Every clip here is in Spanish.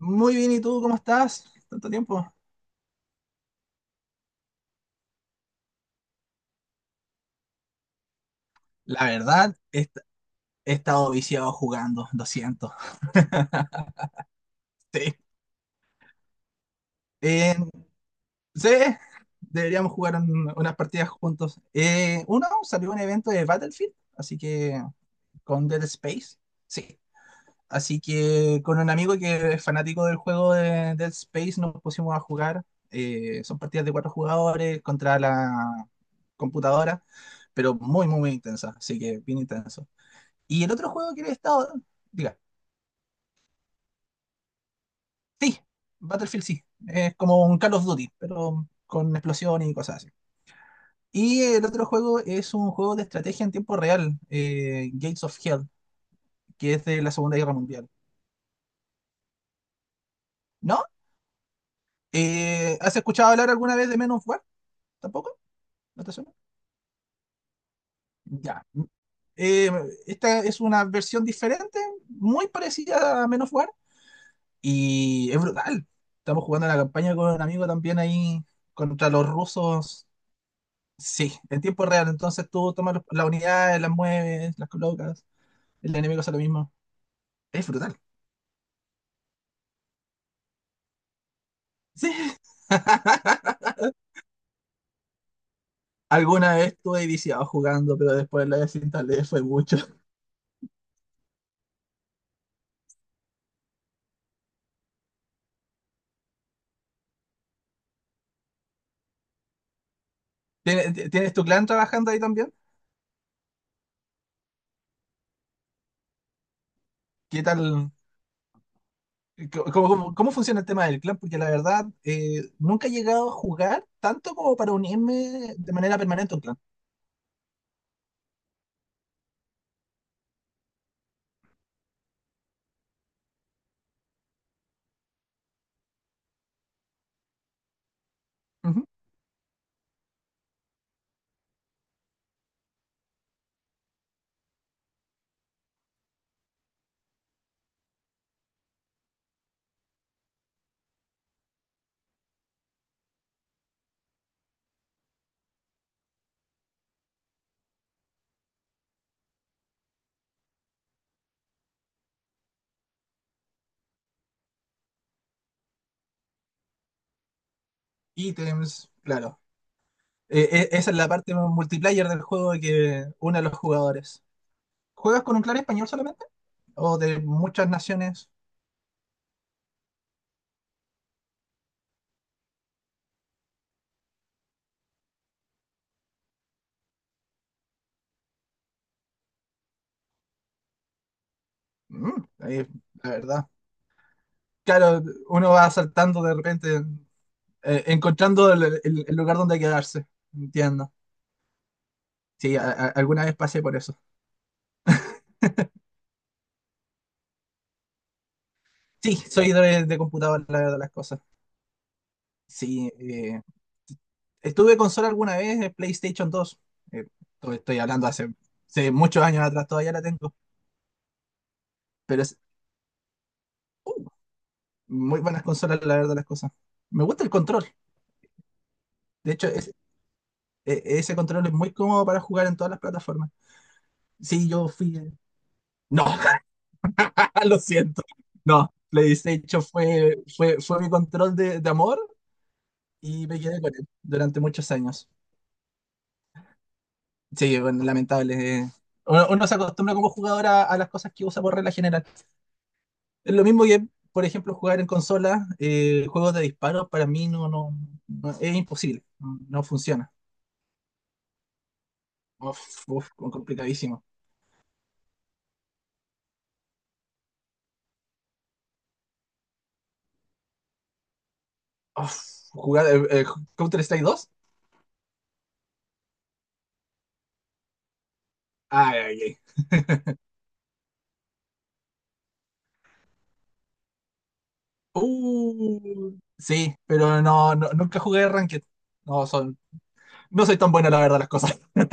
Muy bien, ¿y tú cómo estás? ¿Tanto tiempo? La verdad, he, he estado viciado jugando, lo siento. Sí. Eh, sí, deberíamos jugar unas partidas juntos. Uno, salió un evento de Battlefield, así que con Dead Space, sí. Así que con un amigo que es fanático del juego de Dead Space nos pusimos a jugar. Son partidas de 4 jugadores contra la computadora, pero muy, muy, muy intensa, así que bien intenso. Y el otro juego que le he estado, diga, sí, Battlefield sí, es como un Call of Duty, pero con explosiones y cosas así. Y el otro juego es un juego de estrategia en tiempo real, Gates of Hell, que es de la Segunda Guerra Mundial. ¿No? ¿has escuchado hablar alguna vez de Men of War? ¿Tampoco? ¿No te suena? Ya. Eh, Esta es una versión diferente, muy parecida a Men of War, y es brutal. Estamos jugando la campaña con un amigo también ahí contra los rusos. Sí, en tiempo real. Entonces tú tomas las unidades, las mueves, las colocas. El enemigo hace lo mismo. Es brutal. Sí. Alguna vez estuve viciado jugando, pero después la desinstalé, fue mucho. ¿Tienes tu clan trabajando ahí también? ¿Qué tal? ¿Cómo funciona el tema del clan? Porque la verdad, nunca he llegado a jugar tanto como para unirme de manera permanente a un clan. Ujú. Ítems, claro. Esa es la parte multiplayer del juego que une a los jugadores. ¿Juegas con un clan español solamente o de muchas naciones? Mm, ahí, la verdad. Claro, uno va saltando de repente, encontrando el lugar donde quedarse. Entiendo. Sí, alguna vez pasé por eso. Sí, soy de computador, la verdad, las cosas. Sí, estuve consola alguna vez, PlayStation 2. Eh, Estoy hablando hace, hace muchos años atrás, todavía la tengo. Pero es uh, Muy buenas consolas, la verdad, las cosas. Me gusta el control. De hecho, ese control es muy cómodo para jugar en todas las plataformas. Sí, yo fui. el- No, lo siento. No, PlayStation fue, fue, fue mi control de amor y me quedé con él durante muchos años. Sí, bueno, lamentable, eh. Uno, uno se acostumbra como jugador a las cosas que usa por regla general. Es lo mismo que, por ejemplo, jugar en consola, juegos de disparos, para mí no, no, es imposible. No, no funciona. Uf, uf, complicadísimo. Uf, jugar Counter-Strike 2. Ay, ay, ay. Uh, sí, pero no, nunca jugué Ranked. No, son, no soy tan bueno, la verdad, las cosas.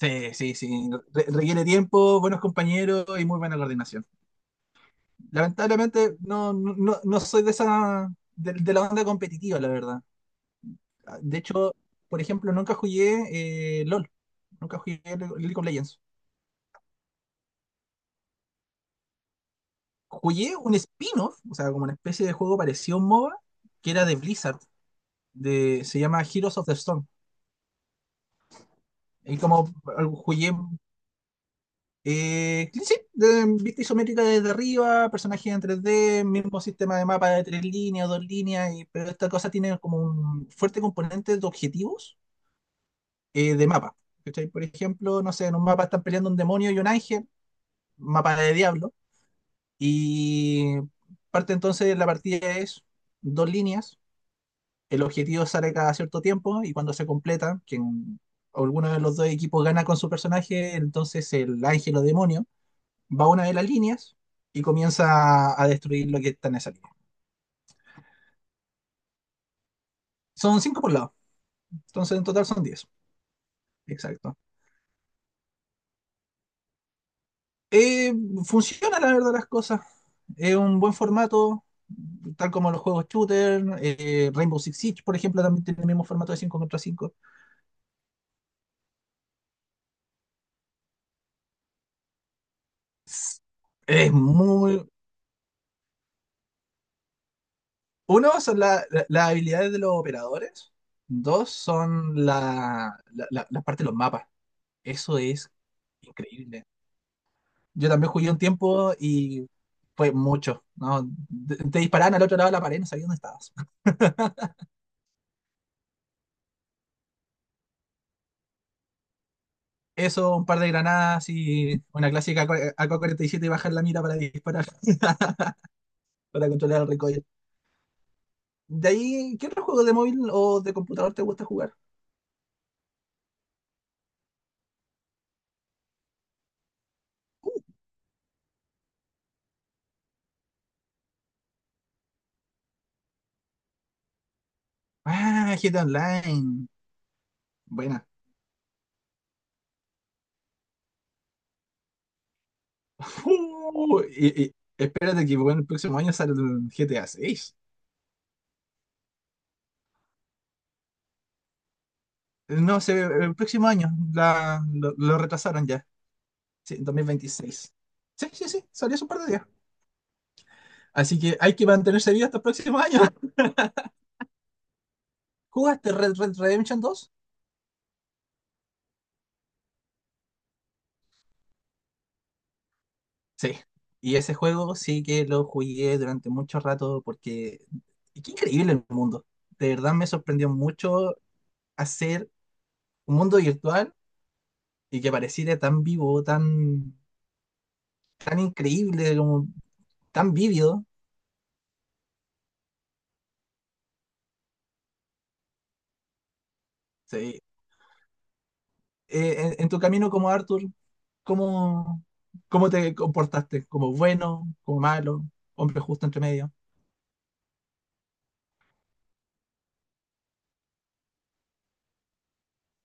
Sí, sí, sí. Requiere tiempo, buenos compañeros y muy buena coordinación. Lamentablemente, no, no, no no soy de esa, de la onda competitiva, la verdad. Ah, de hecho, por ejemplo, nunca jugué LOL. Nunca jugué League of Legends. Jugué un spin-off, o sea, como una especie de juego parecido a un MOBA, que era de Blizzard. De, se llama Heroes of the Storm. Y como jugué Sí, sí, vista isométrica desde arriba, personajes en 3D, mismo sistema de mapa de 3 líneas, dos líneas, pero esta cosa tiene como un fuerte componente de objetivos, de mapa. ¿Cachai? Por ejemplo, no sé, en un mapa están peleando un demonio y un ángel, mapa de diablo, y parte entonces de la partida es 2 líneas, el objetivo sale cada cierto tiempo y cuando se completa, quien alguno de los dos equipos gana con su personaje, entonces el ángel o demonio va a una de las líneas y comienza a destruir lo que está en esa línea. Son 5 por lado, entonces en total son 10. Exacto. Eh, Funciona la verdad las cosas. Es un buen formato, tal como los juegos shooter, Rainbow Six Siege, por ejemplo, también tiene el mismo formato de 5 contra 5. Es muy... Uno, son las habilidades de los operadores. Dos, son la, la, la parte de los mapas. Eso es increíble. Yo también jugué un tiempo y fue mucho, ¿no? Te disparaban al otro lado de la pared, no sabías dónde estabas. Eso, un par de granadas y una clásica AK-47 y bajar la mira para disparar, para controlar el recoil. De ahí, ¿qué otro juego de móvil o de computador te gusta jugar? Uh, GTA Online. Buena. Y, y espérate que bueno, el próximo año sale el GTA 6. No sé, el próximo año la, lo retrasaron ya. Sí, en 2026. Sí, sí, sí, salió hace un par de días. Así que hay que mantenerse vivo hasta los próximos años. ¿Jugaste Red Redemption 2? Sí. Y ese juego sí que lo jugué durante mucho rato porque y qué increíble el mundo. De verdad me sorprendió mucho hacer un mundo virtual y que pareciera tan vivo, tan, tan increíble, como tan vívido. Sí. En tu camino como Arthur, ¿cómo, ¿cómo te comportaste? ¿Como bueno, como malo, hombre justo entre medio,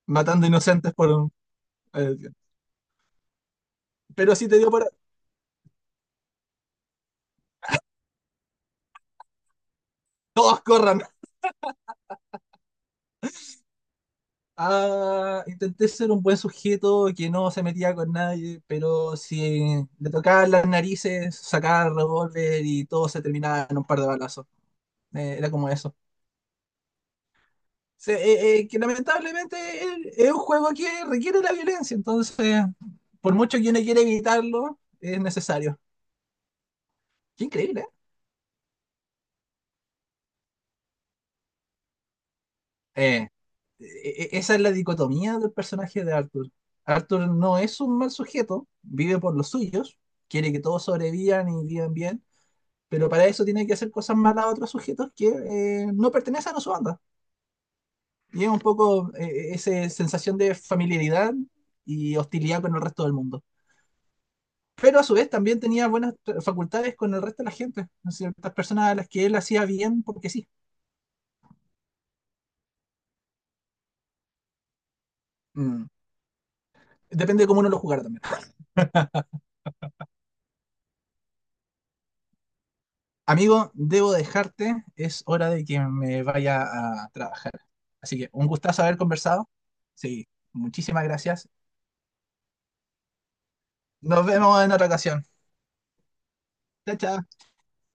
matando inocentes por, eh, pero sí te dio para. ¡Todos corran! Ah, intenté ser un buen sujeto que no se metía con nadie, pero si le tocaban las narices, sacaba el revólver y todo se terminaba en un par de balazos. Era como eso. Que lamentablemente es un juego que requiere la violencia, entonces, por mucho que uno quiera evitarlo, es necesario. Qué increíble. eh, Esa es la dicotomía del personaje de Arthur. Arthur no es un mal sujeto, vive por los suyos, quiere que todos sobrevivan y vivan bien, pero para eso tiene que hacer cosas malas a otros sujetos que no pertenecen a su banda. Y es un poco esa sensación de familiaridad y hostilidad con el resto del mundo. Pero a su vez también tenía buenas facultades con el resto de la gente, ciertas personas a las que él hacía bien porque sí. Mm. Depende de cómo uno lo jugara. Amigo, debo dejarte, es hora de que me vaya a trabajar. Así que un gustazo haber conversado. Sí, muchísimas gracias. Nos vemos en otra ocasión. Chao, chao.